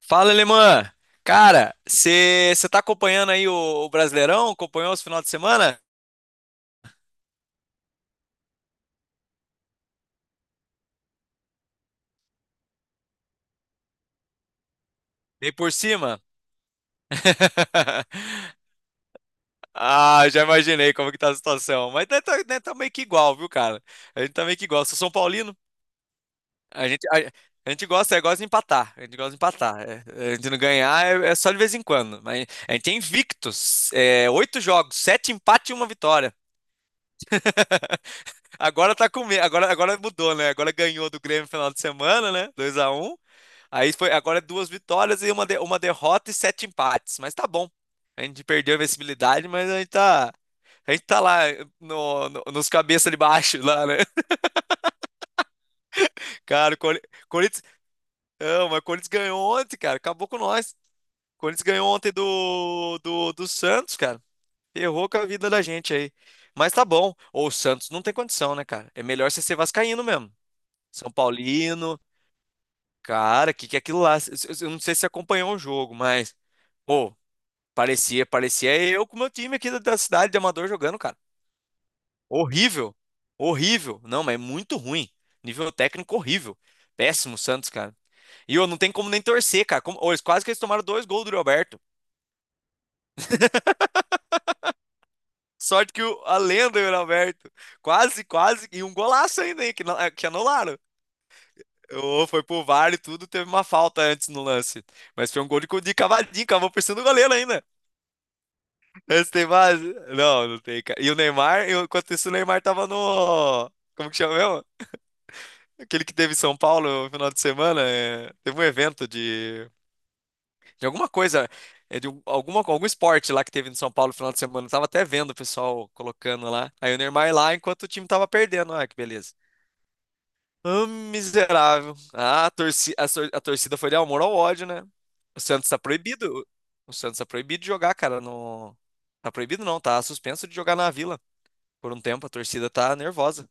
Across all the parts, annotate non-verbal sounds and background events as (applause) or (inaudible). Fala, Alemã! Cara, você tá acompanhando aí o Brasileirão? Acompanhou os final de semana? Bem por cima? (laughs) Ah, já imaginei como que tá a situação. Mas né, tá meio que igual, viu, cara? A gente tá meio que igual. Eu sou São Paulino, a gente, a, a gente gosta, é, gosta de empatar. A gente gosta de empatar. É, a gente não ganhar é só de vez em quando. Mas a gente é invictos. É, oito jogos, sete empates e uma vitória. (laughs) Agora tá com medo. Agora mudou, né? Agora ganhou do Grêmio no final de semana, né? 2-1. Aí foi agora é duas vitórias e uma derrota e sete empates. Mas tá bom. A gente perdeu a invencibilidade, mas a gente tá lá nos cabeça de baixo lá, né? (laughs) Cara, Corinthians. Não, mas o Corinthians ganhou ontem, cara. Acabou com nós. O Corinthians ganhou ontem do Santos, cara. Errou com a vida da gente aí. Mas tá bom. Ou o Santos não tem condição, né, cara? É melhor você ser vascaíno mesmo. São Paulino. Cara, o que que é aquilo lá? Eu não sei se você acompanhou o jogo, mas. Pô, parecia, parecia eu com o meu time aqui da cidade de Amador jogando, cara. Horrível. Horrível. Não, mas é muito ruim. Nível técnico horrível. Péssimo o Santos, cara. E eu não tem como nem torcer, cara. Como, ô, eles quase que eles tomaram dois gols do Roberto. Sorte que a lenda do Roberto. Quase, quase. E um golaço ainda, hein, que, que anularam. Ô, foi pro VAR e tudo, teve uma falta antes no lance. Mas foi um gol de cavadinho, cavou por cima do goleiro ainda. Esse tem base? Não, não tem, cara. E o Neymar, enquanto isso, o Neymar tava no. Como que chama mesmo? Aquele que teve em São Paulo no final de semana. É, teve um evento de alguma coisa, é, alguma, algum esporte lá que teve em São Paulo no final de semana. Eu tava até vendo o pessoal colocando lá. Aí o Neymar lá enquanto o time tava perdendo. Ah, que beleza. Ah, miserável. Ah, a torcida foi de amor ao ódio, né? O Santos tá proibido. O Santos tá proibido de jogar, cara, no. Tá proibido não, tá suspenso de jogar na Vila. Por um tempo a torcida tá nervosa.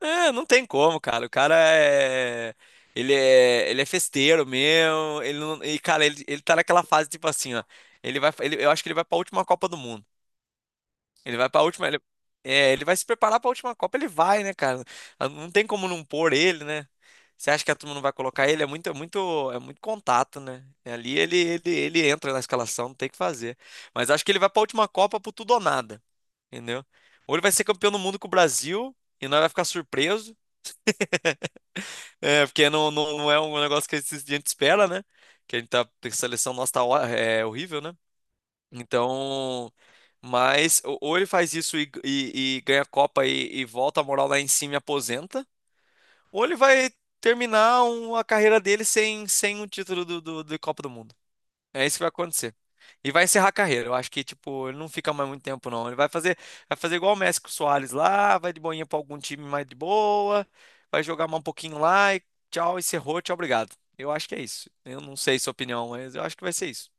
É, não tem como, cara. O cara é. Ele é festeiro mesmo. Ele não... E, cara, ele tá naquela fase tipo assim, ó. Eu acho que ele vai pra última Copa do Mundo. Ele vai pra última. Ele... É, ele vai se preparar pra última Copa, ele vai, né, cara? Ah, não tem como não pôr ele, né? Você acha que a turma não vai colocar ele? É muito contato, né? Ali ele entra na escalação, não tem o que fazer. Mas acho que ele vai pra última Copa pro tudo ou nada. Entendeu? Ou ele vai ser campeão do mundo com o Brasil e nós vai ficar surpreso, é, porque não, não, não é um negócio que a gente espera, né? Que a gente tá, a seleção nossa tá, ó- é horrível, né? Então, mas ou ele faz isso e ganha a Copa e volta a moral lá em cima e aposenta, ou ele vai terminar a carreira dele sem um título de Copa do Mundo. É isso que vai acontecer. E vai encerrar a carreira. Eu acho que, tipo, ele não fica mais muito tempo, não. Vai fazer igual o Messi com o Soares lá, vai de boinha pra algum time mais de boa, vai jogar mais um pouquinho lá e tchau, encerrou, tchau, obrigado. Eu acho que é isso. Eu não sei sua opinião, mas eu acho que vai ser isso.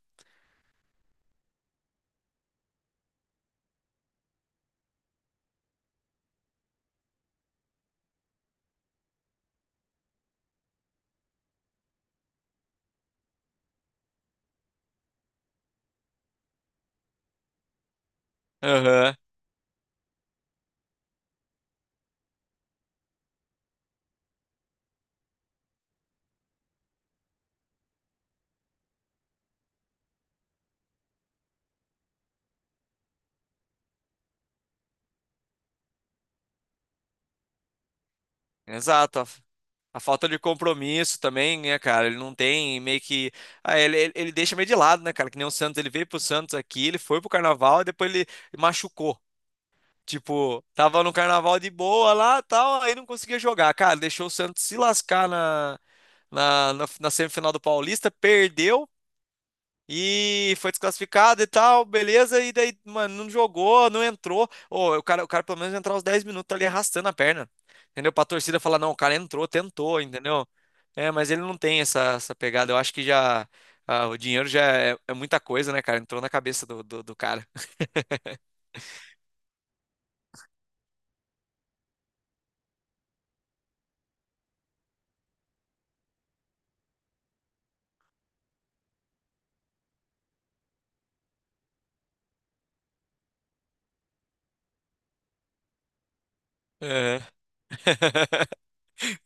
Aham. Exato. A falta de compromisso também, né, cara? Ele não tem meio que. Ah, ele deixa meio de lado, né, cara? Que nem o Santos. Ele veio pro Santos aqui, ele foi pro Carnaval e depois ele machucou. Tipo, tava no carnaval de boa lá, tal, aí não conseguia jogar. Cara, deixou o Santos se lascar na semifinal do Paulista, perdeu e foi desclassificado e tal, beleza. E daí, mano, não jogou, não entrou. Ô, o cara pelo menos entrar os 10 minutos ali arrastando a perna, entendeu? Pra torcida falar, não, o cara entrou, tentou, entendeu? É, mas ele não tem essa pegada. Eu acho que já. Ah, o dinheiro já é muita coisa, né, cara? Entrou na cabeça do cara. É. (laughs)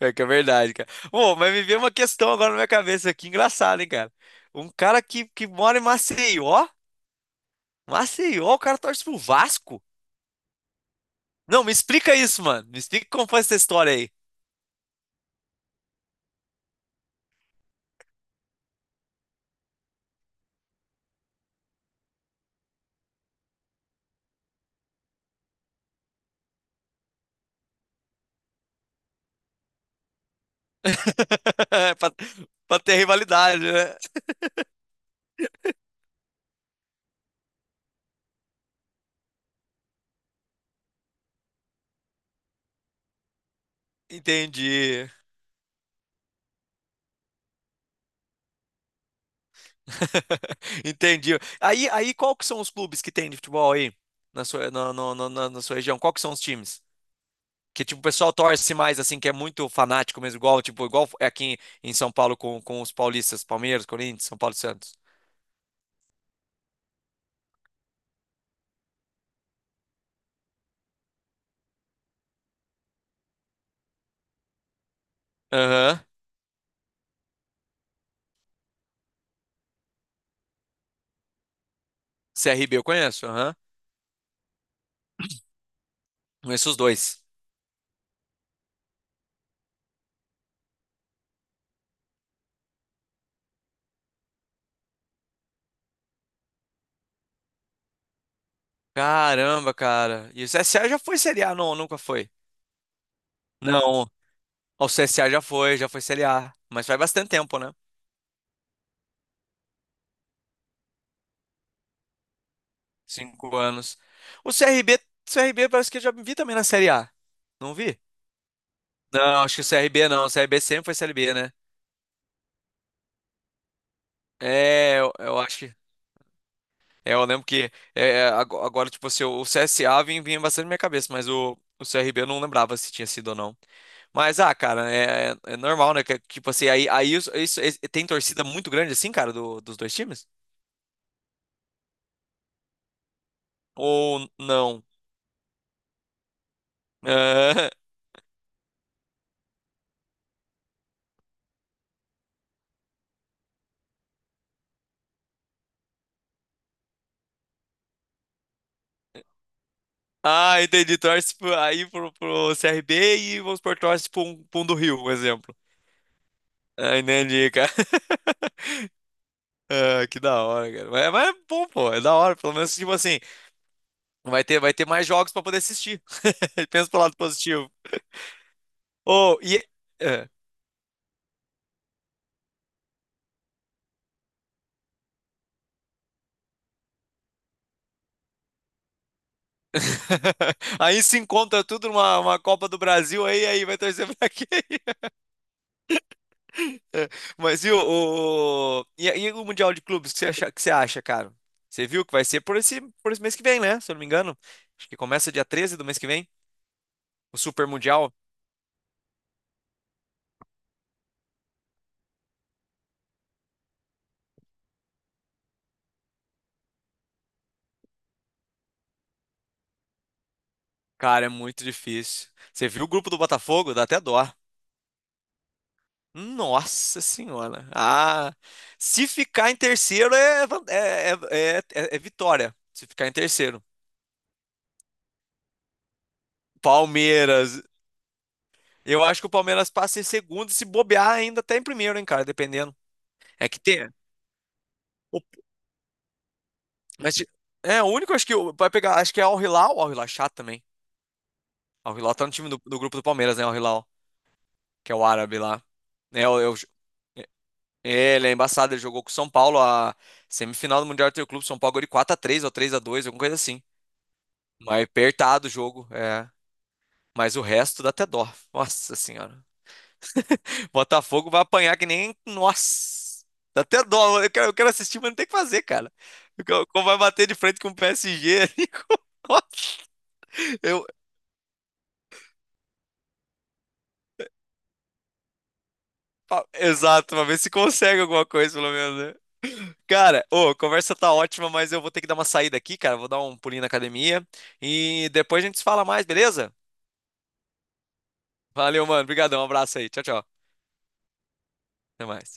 É que é verdade, cara. Bom, mas me veio uma questão agora na minha cabeça aqui, engraçada, hein, cara? Um cara que mora em Maceió, Maceió, o cara torce pro Vasco? Não, me explica isso, mano. Me explica como foi essa história aí. (laughs) pra, pra ter rivalidade, né? Entendi. (laughs) Entendi. Qual que são os clubes que tem de futebol aí na sua, na sua região? Qual que são os times? Que tipo o pessoal torce mais assim, que é muito fanático mesmo, igual tipo igual é aqui em, em São Paulo com os paulistas, Palmeiras, Corinthians, São Paulo e Santos. Aham. CRB eu conheço, aham. Conheço os dois. Caramba, cara. E o CSA já foi Série A, não, nunca foi. Não, o CSA já foi Série A, mas faz bastante tempo, né? 5 anos. O CRB, CRB parece que eu já vi também na Série A. Não vi? Não, acho que o CRB não, o CRB sempre foi Série B, né? É, eu acho que é, eu lembro que agora, tipo assim, o CSA vinha, vinha bastante na minha cabeça, mas o CRB eu não lembrava se tinha sido ou não. Mas, ah, cara, é normal, né? Que, tipo assim, aí, aí isso- esse- tem torcida muito grande assim, cara, dos dois times? Ou não? Ah, (laughs) ah, entendi. Torce pro CRB e vamos por torce pro, pro um do Rio, por exemplo. Ah, entendi, cara. (laughs) Ah, que da hora, cara. Mas é bom, pô. É da hora. Pelo menos, tipo assim, vai ter mais jogos para poder assistir. (laughs) Pensa pelo lado positivo. Oh, e. É. (laughs) Aí se encontra tudo numa uma Copa do Brasil, aí, aí vai torcer pra quem? (laughs) É. Mas e o Mundial de Clubes, o que você acha, cara? Você viu que vai ser por esse mês que vem, né? Se eu não me engano. Acho que começa dia 13 do mês que vem, o Super Mundial. Cara, é muito difícil. Você viu o grupo do Botafogo? Dá até dó. Nossa senhora. Ah, se ficar em terceiro é, é vitória. Se ficar em terceiro. Palmeiras. Eu acho que o Palmeiras passa em segundo, e se bobear ainda até em primeiro, hein, cara, dependendo. É que tem. o- Mas, é, o único acho que vai pegar, acho que é Al Hilal, Al Hilal é chato também. Al Hilal tá no time do grupo do Palmeiras, né, Al Hilal, que é o árabe lá. É, é, ele é embaçado, ele jogou com o São Paulo a semifinal do Mundial do Clube, São Paulo ganhou de 4-3 ou 3-2 alguma coisa assim. Mas apertado o jogo, é. Mas o resto dá até dó. Nossa senhora. Botafogo vai apanhar que nem. Nossa! Dá até dó. Eu quero assistir, mas não tem o que fazer, cara. Como vai bater de frente com o PSG ali. (laughs) Eu... Ah, exato, pra ver se consegue alguma coisa, pelo menos, né? Cara, ô, a conversa tá ótima, mas eu vou ter que dar uma saída aqui, cara. Vou dar um pulinho na academia. E depois a gente se fala mais, beleza? Valeu, mano. Obrigadão. Um abraço aí. Tchau, tchau. Até mais.